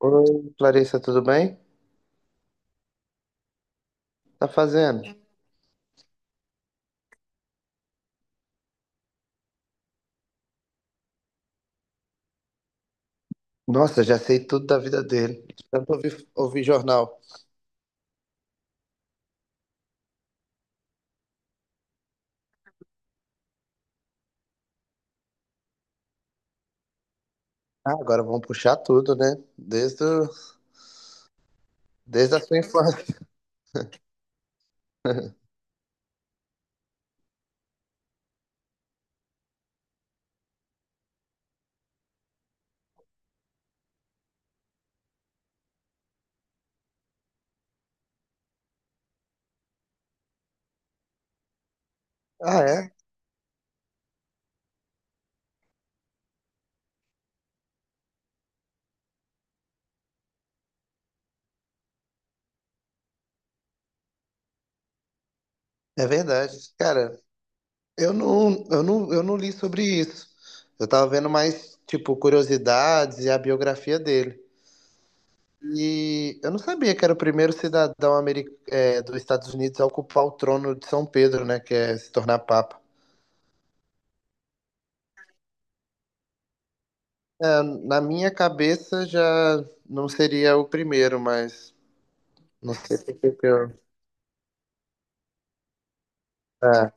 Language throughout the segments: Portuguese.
Oi, Clarissa, tudo bem? Tá fazendo? Nossa, já sei tudo da vida dele. Tanto ouvi jornal. Ah, agora vamos puxar tudo, né? Desde a sua infância. Ah, é? É verdade. Cara, eu não li sobre isso. Eu tava vendo mais, tipo, curiosidades e a biografia dele. E eu não sabia que era o primeiro cidadão dos Estados Unidos a ocupar o trono de São Pedro, né? Que é se tornar papa. Na minha cabeça já não seria o primeiro, mas não sei por que que eu. Ah,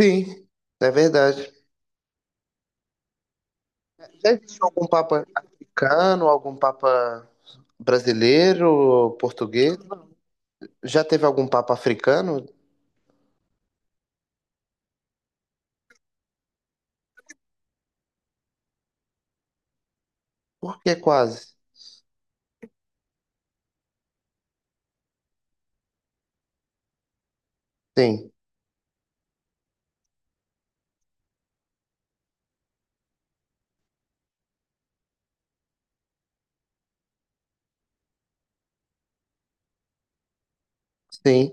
sim, é verdade. Já existe algum papa africano, algum papa brasileiro, português? Já teve algum papa africano? Por que quase? Sim, sim.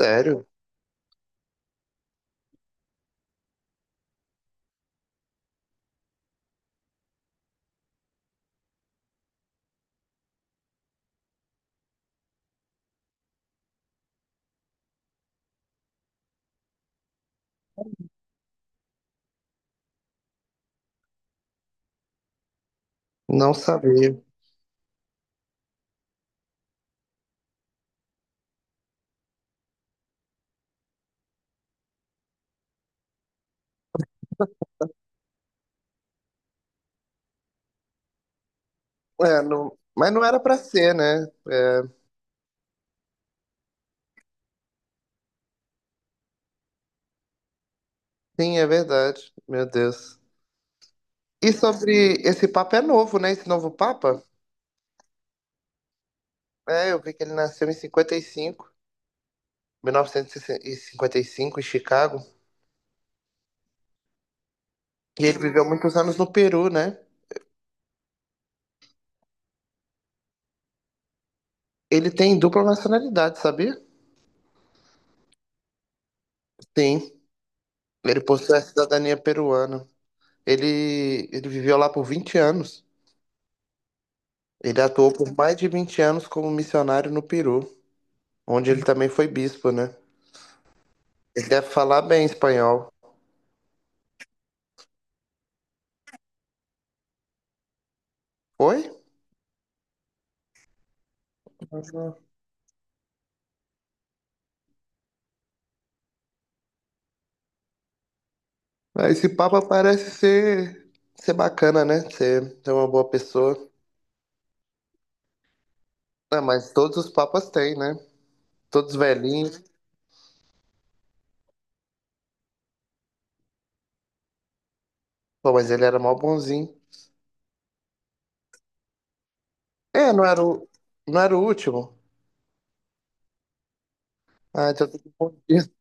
Sério? Não sabia. É, não. Mas não era pra ser, né? É. Sim, é verdade. Meu Deus. E sobre esse papa é novo, né? Esse novo papa? É, eu vi que ele nasceu em cinquenta cinquenta e cinco 1955 em Chicago. E ele viveu muitos anos no Peru, né? Ele tem dupla nacionalidade, sabia? Sim, ele possui a cidadania peruana. Ele viveu lá por 20 anos. Ele atuou por mais de 20 anos como missionário no Peru, onde ele também foi bispo, né? Ele deve falar bem espanhol. Oi? Uhum. Ah, esse papa parece ser bacana, né? Ser uma boa pessoa. Ah, mas todos os papas têm, né? Todos velhinhos. Pô, mas ele era mó bonzinho. É, não era o último? Ah, então eu tô confundindo.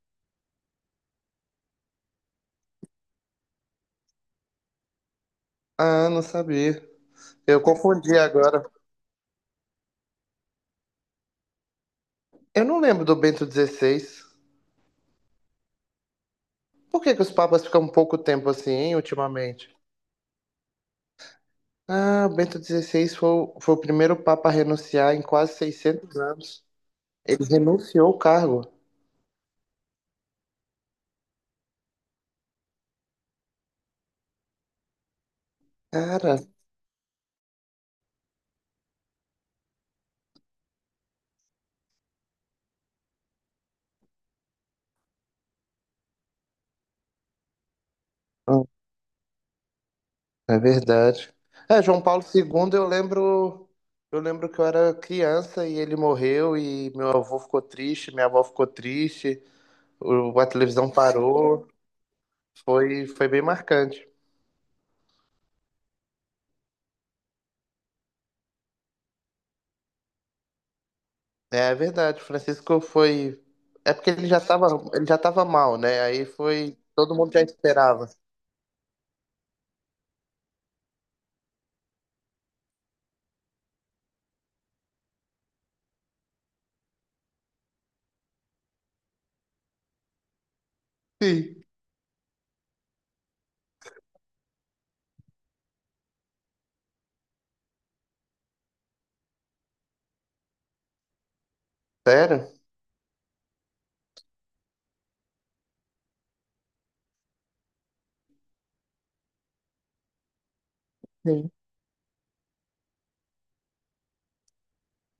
Ah, não sabia. Eu confundi agora. Eu não lembro do Bento XVI. Por que que os papas ficam um pouco tempo assim, hein, ultimamente? Ah, o Bento XVI foi, foi o primeiro papa a renunciar em quase 600 anos. Ele renunciou o cargo. Cara, é verdade. É, João Paulo II, eu lembro que eu era criança e ele morreu e meu avô ficou triste, minha avó ficou triste, a televisão parou, foi, foi bem marcante. É, é verdade, o Francisco foi, é porque ele já tava mal, né? Aí foi, todo mundo já esperava. Sim. Sério? Sim.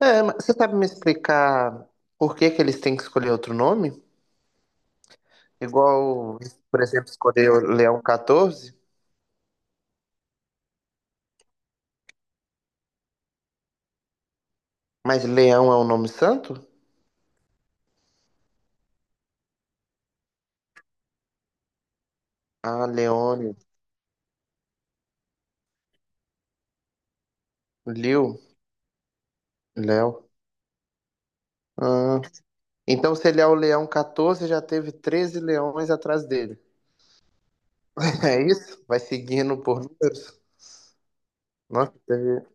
É, mas você sabe me explicar por que que eles têm que escolher outro nome? Igual, por exemplo, escolher o Leão 14. Mas Leão é um nome santo? Ah, Leônio. Liu. Léo. Ah, então, se ele é o Leão 14, já teve 13 leões atrás dele. É isso? Vai seguindo por números? Nossa, teve.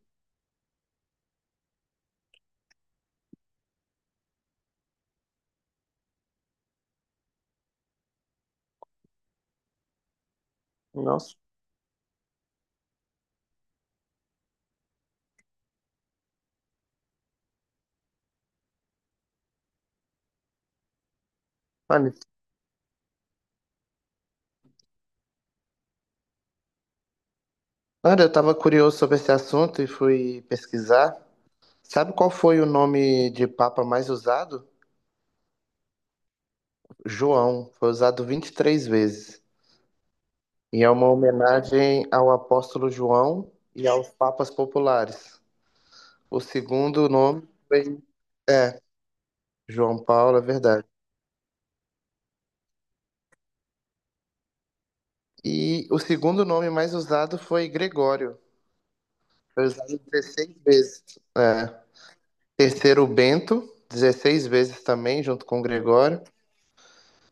Nossa. Olha, olha, eu tava curioso sobre esse assunto e fui pesquisar. Sabe qual foi o nome de Papa mais usado? João. Foi usado 23 vezes. E é uma homenagem ao apóstolo João e aos papas populares. O segundo nome foi. É, João Paulo, é verdade. E o segundo nome mais usado foi Gregório. Foi usado 16 vezes. É. Terceiro, Bento, 16 vezes também, junto com Gregório.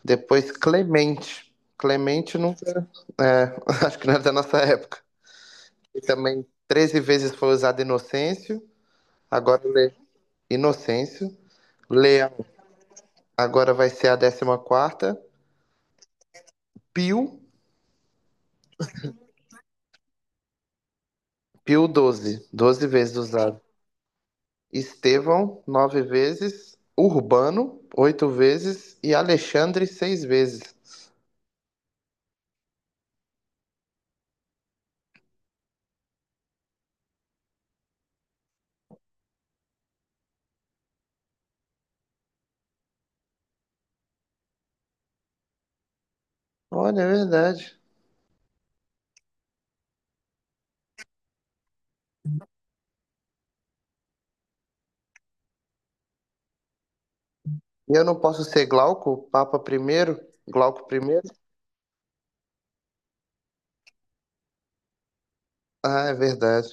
Depois, Clemente. Clemente não. É, acho que não é da nossa época. E também 13 vezes foi usado Inocêncio. Agora, Inocêncio. Leão, agora vai ser a décima quarta. Pio, Pio, 12 12 vezes usado. Estevão, 9 vezes, Urbano, 8 vezes e Alexandre, 6 vezes. Olha, é verdade. E eu não posso ser Glauco, Papa primeiro, Glauco primeiro? Ah, é verdade.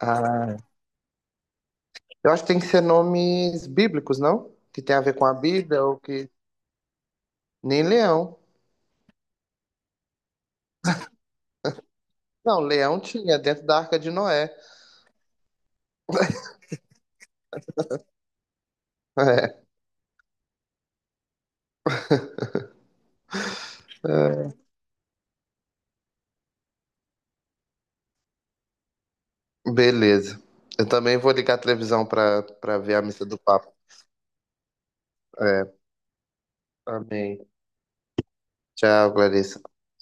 Ah, eu acho que tem que ser nomes bíblicos, não? Que tem a ver com a Bíblia ou que. Nem leão. Não, leão tinha dentro da Arca de Noé. É. É. Beleza. Eu também vou ligar a televisão para ver a missa do Papa. É. Amém. Tchau, Clarice.